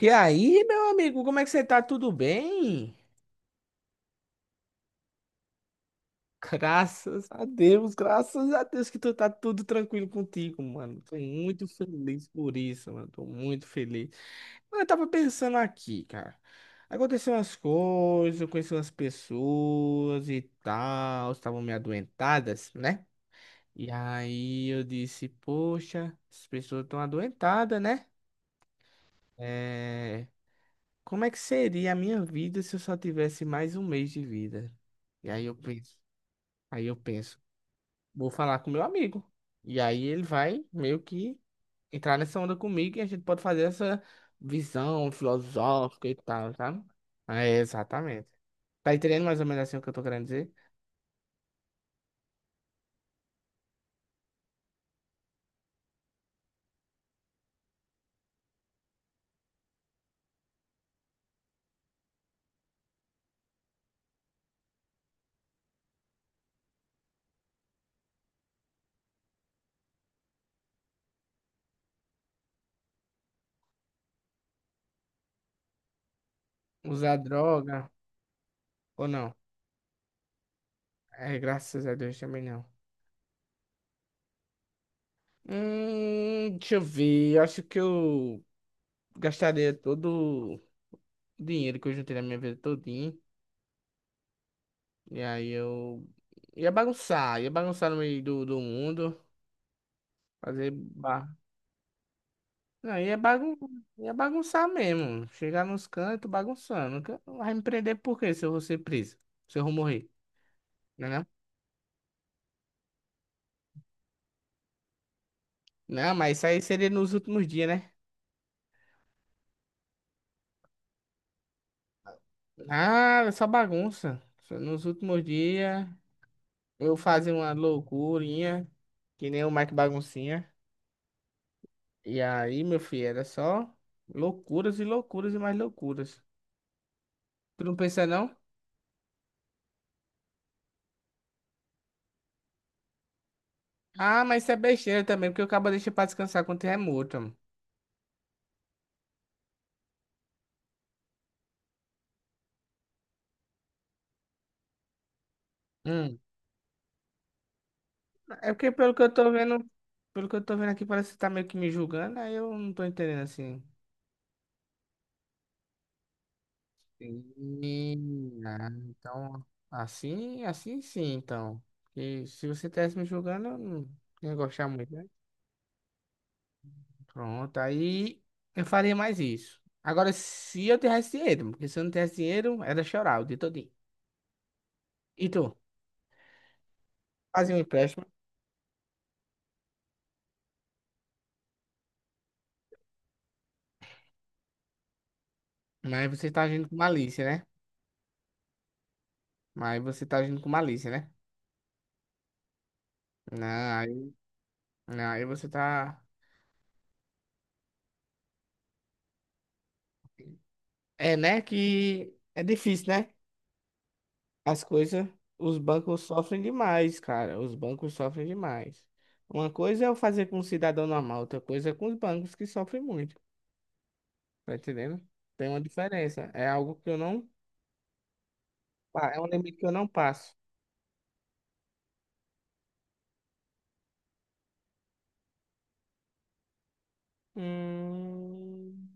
E aí, meu amigo, como é que você tá? Tudo bem? Graças a Deus que tu tá tudo tranquilo contigo, mano. Tô muito feliz por isso, mano. Tô muito feliz. Mano, eu tava pensando aqui, cara. Aconteceu umas coisas, eu conheci umas pessoas e tal, estavam me adoentadas, né? E aí eu disse, poxa, as pessoas estão adoentadas, né? É, como é que seria a minha vida se eu só tivesse mais um mês de vida? E aí eu penso, vou falar com meu amigo. E aí ele vai meio que entrar nessa onda comigo e a gente pode fazer essa visão filosófica e tal, tá? É, exatamente. Tá entendendo mais ou menos assim o que eu tô querendo dizer? Usar droga ou não? É, graças a Deus também não. Deixa eu ver. Eu acho que eu gastaria todo o dinheiro que eu juntei na minha vida todinha. E aí eu ia bagunçar no meio do mundo, fazer barra. Não, ia, bagun ia bagunçar mesmo. Chegar nos cantos bagunçando. Que- Vai me prender por quê se eu vou ser preso? Se eu vou morrer, né? Não, não, mas isso aí seria nos últimos dias, né? Ah, só bagunça. Só nos últimos dias eu fazia uma loucurinha, que nem o Mike Baguncinha. E aí, meu filho, era só loucuras e loucuras e mais loucuras. Tu não pensa, não? Ah, mas isso é besteira também, porque o cabo deixa pra descansar quando é morto. Hum. É porque pelo que eu tô vendo, pelo que eu tô vendo aqui, parece que você tá meio que me julgando, aí eu não tô entendendo assim. Sim, ah, então, assim sim, então. Porque se você tivesse me julgando, eu não ia gostar muito, né? Pronto, aí eu faria mais isso. Agora, se eu tivesse dinheiro, porque se eu não tivesse dinheiro, era chorar o dia todinho. E tu? Fazia um empréstimo, mas você tá agindo com malícia, né? Mas você tá agindo com malícia, né? Não, aí, não, aí você tá. É, né? Que é difícil, né? As coisas. Os bancos sofrem demais, cara. Os bancos sofrem demais. Uma coisa é eu fazer com um cidadão normal, outra coisa é com os bancos que sofrem muito. Tá entendendo? Tem uma diferença. É algo que eu não. É um limite que eu não passo. Hum,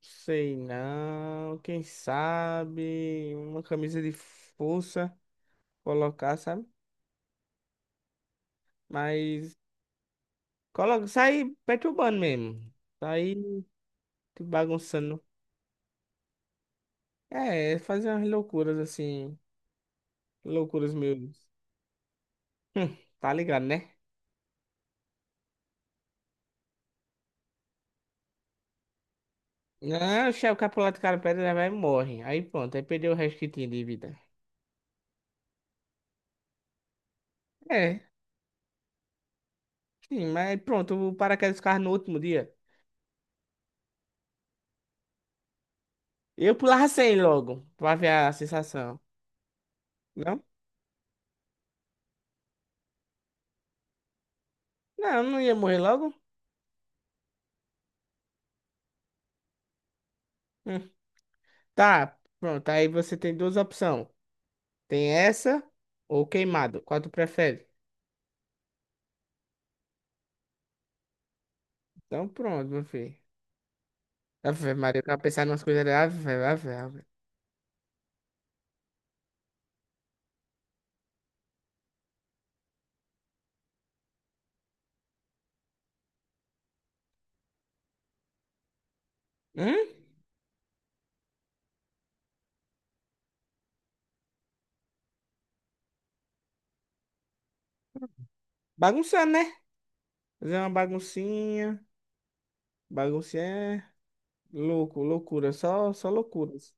sei não. Quem sabe uma camisa de força colocar, sabe? Mas coloca, sai perturbando mesmo. Sai bagunçando. É, fazer umas loucuras assim. Loucuras meio. Tá ligado, né? Não, o chefe capulado do cara pedra ele vai e morre. Aí pronto, aí perdeu o resto que tinha de vida. É, sim, mas pronto, o paraquedas dos carros no último dia. Eu pulava 100 logo, pra ver a sensação. Não? Não, não ia morrer logo. Hum. Tá, pronto, aí você tem duas opções. Tem essa ou queimado. Qual tu prefere? Então pronto, meu filho. Ave Maria, eu tava pensando em umas coisas ali. Ave, ave, ave. Hum? Bagunçando, né? Fazer uma baguncinha. Baguncinha é louco, loucura. Só loucuras.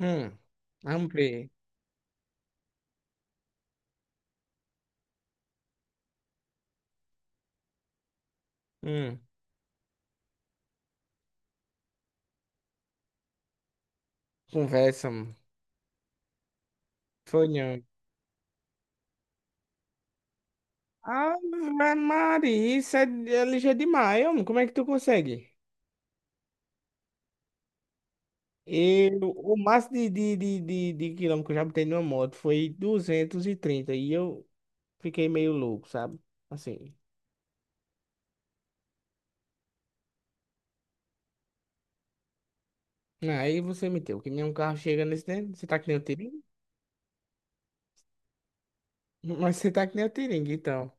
Hum. Vamos ver. Hum. Conversa, mano. Foi não. Ave Maria, isso é, é ligeiro demais, homem. Como é que tu consegue? Eu, o máximo de, quilômetro que eu já botei numa moto foi 230 e eu fiquei meio louco, sabe? Assim. Aí você me deu que nenhum carro chega nesse dentro. Você tá que nem o Tiringue? Mas você tá que nem o Tiringue, então.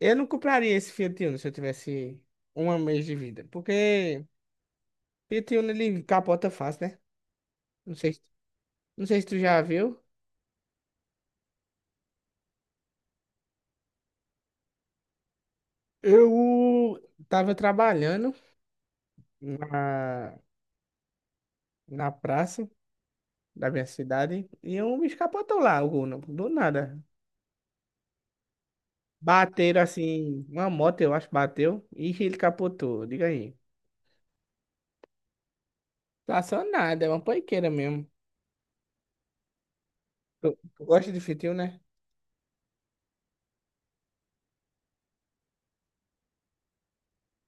Eu não compraria esse Fiat Uno se eu tivesse um mês de vida. Porque Fiat Uno, ele capota fácil, né? Não sei, não sei se tu já viu. Eu tava trabalhando na, na praça da minha cidade e um bicho capotou lá, o Uno, do nada. Bateram assim, uma moto, eu acho, bateu e ele capotou. Diga aí. Tá só nada, é uma poiqueira mesmo. Tu, tu gosta de fitio, né?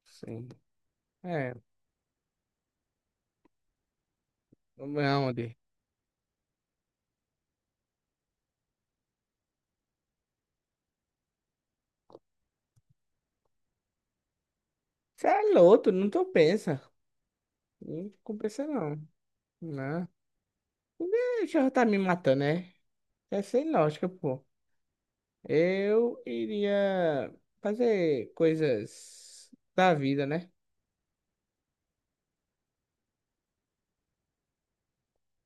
Sim. É, vamos aonde? Você é louco, não tô pensa. Não compensa não. Não. O já tá me matando, né? É sem lógica, pô. Eu iria fazer coisas da vida, né?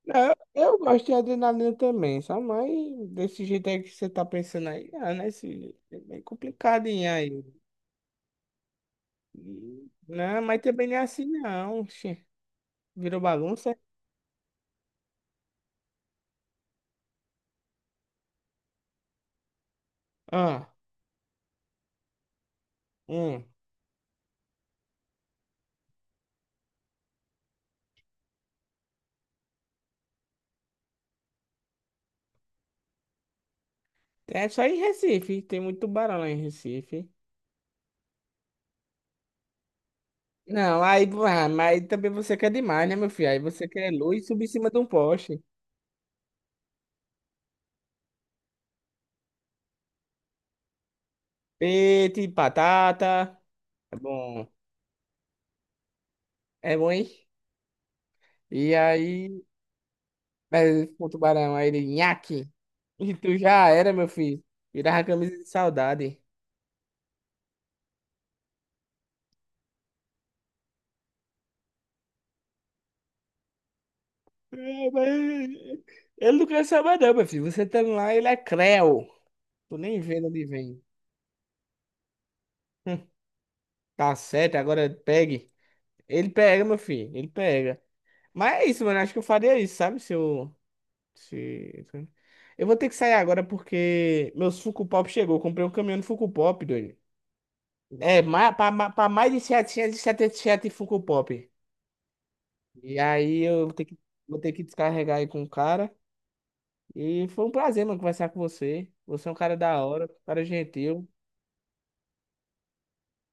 Não, eu gosto de adrenalina também, só mas desse jeito aí que você tá pensando aí, ah, né? Esse, é bem complicado hein, aí. Não, mas também não é assim não. Oxi. Virou bagunça? Ah. Hum. É só em Recife, tem muito tubarão lá em Recife. Não, aí, ah, mas também você quer demais, né, meu filho? Aí você quer luz e subir em cima de um poste. Peixe, batata, é bom, é bom, hein? E aí, mas o tubarão, aí ele, nhaque. E tu já era, meu filho. Virava a camisa de saudade. É, mas ele não quer saber, não, meu filho. Você tá lá, ele é creu. Tu nem vendo onde vem. Hum, Tá certo, agora pegue. Ele pega, meu filho, ele pega. Mas é isso, mano. Acho que eu faria isso, sabe? Se eu. Se... eu vou ter que sair agora porque meu Funko Pop chegou. Eu comprei um caminhão de Funko Pop, doido. É, pra mais de 777 Funko Pop. E aí eu vou ter que, descarregar aí com o cara. E foi um prazer, mano, conversar com você. Você é um cara da hora, um cara gentil.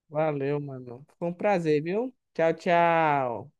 Valeu, mano. Foi um prazer, viu? Tchau, tchau.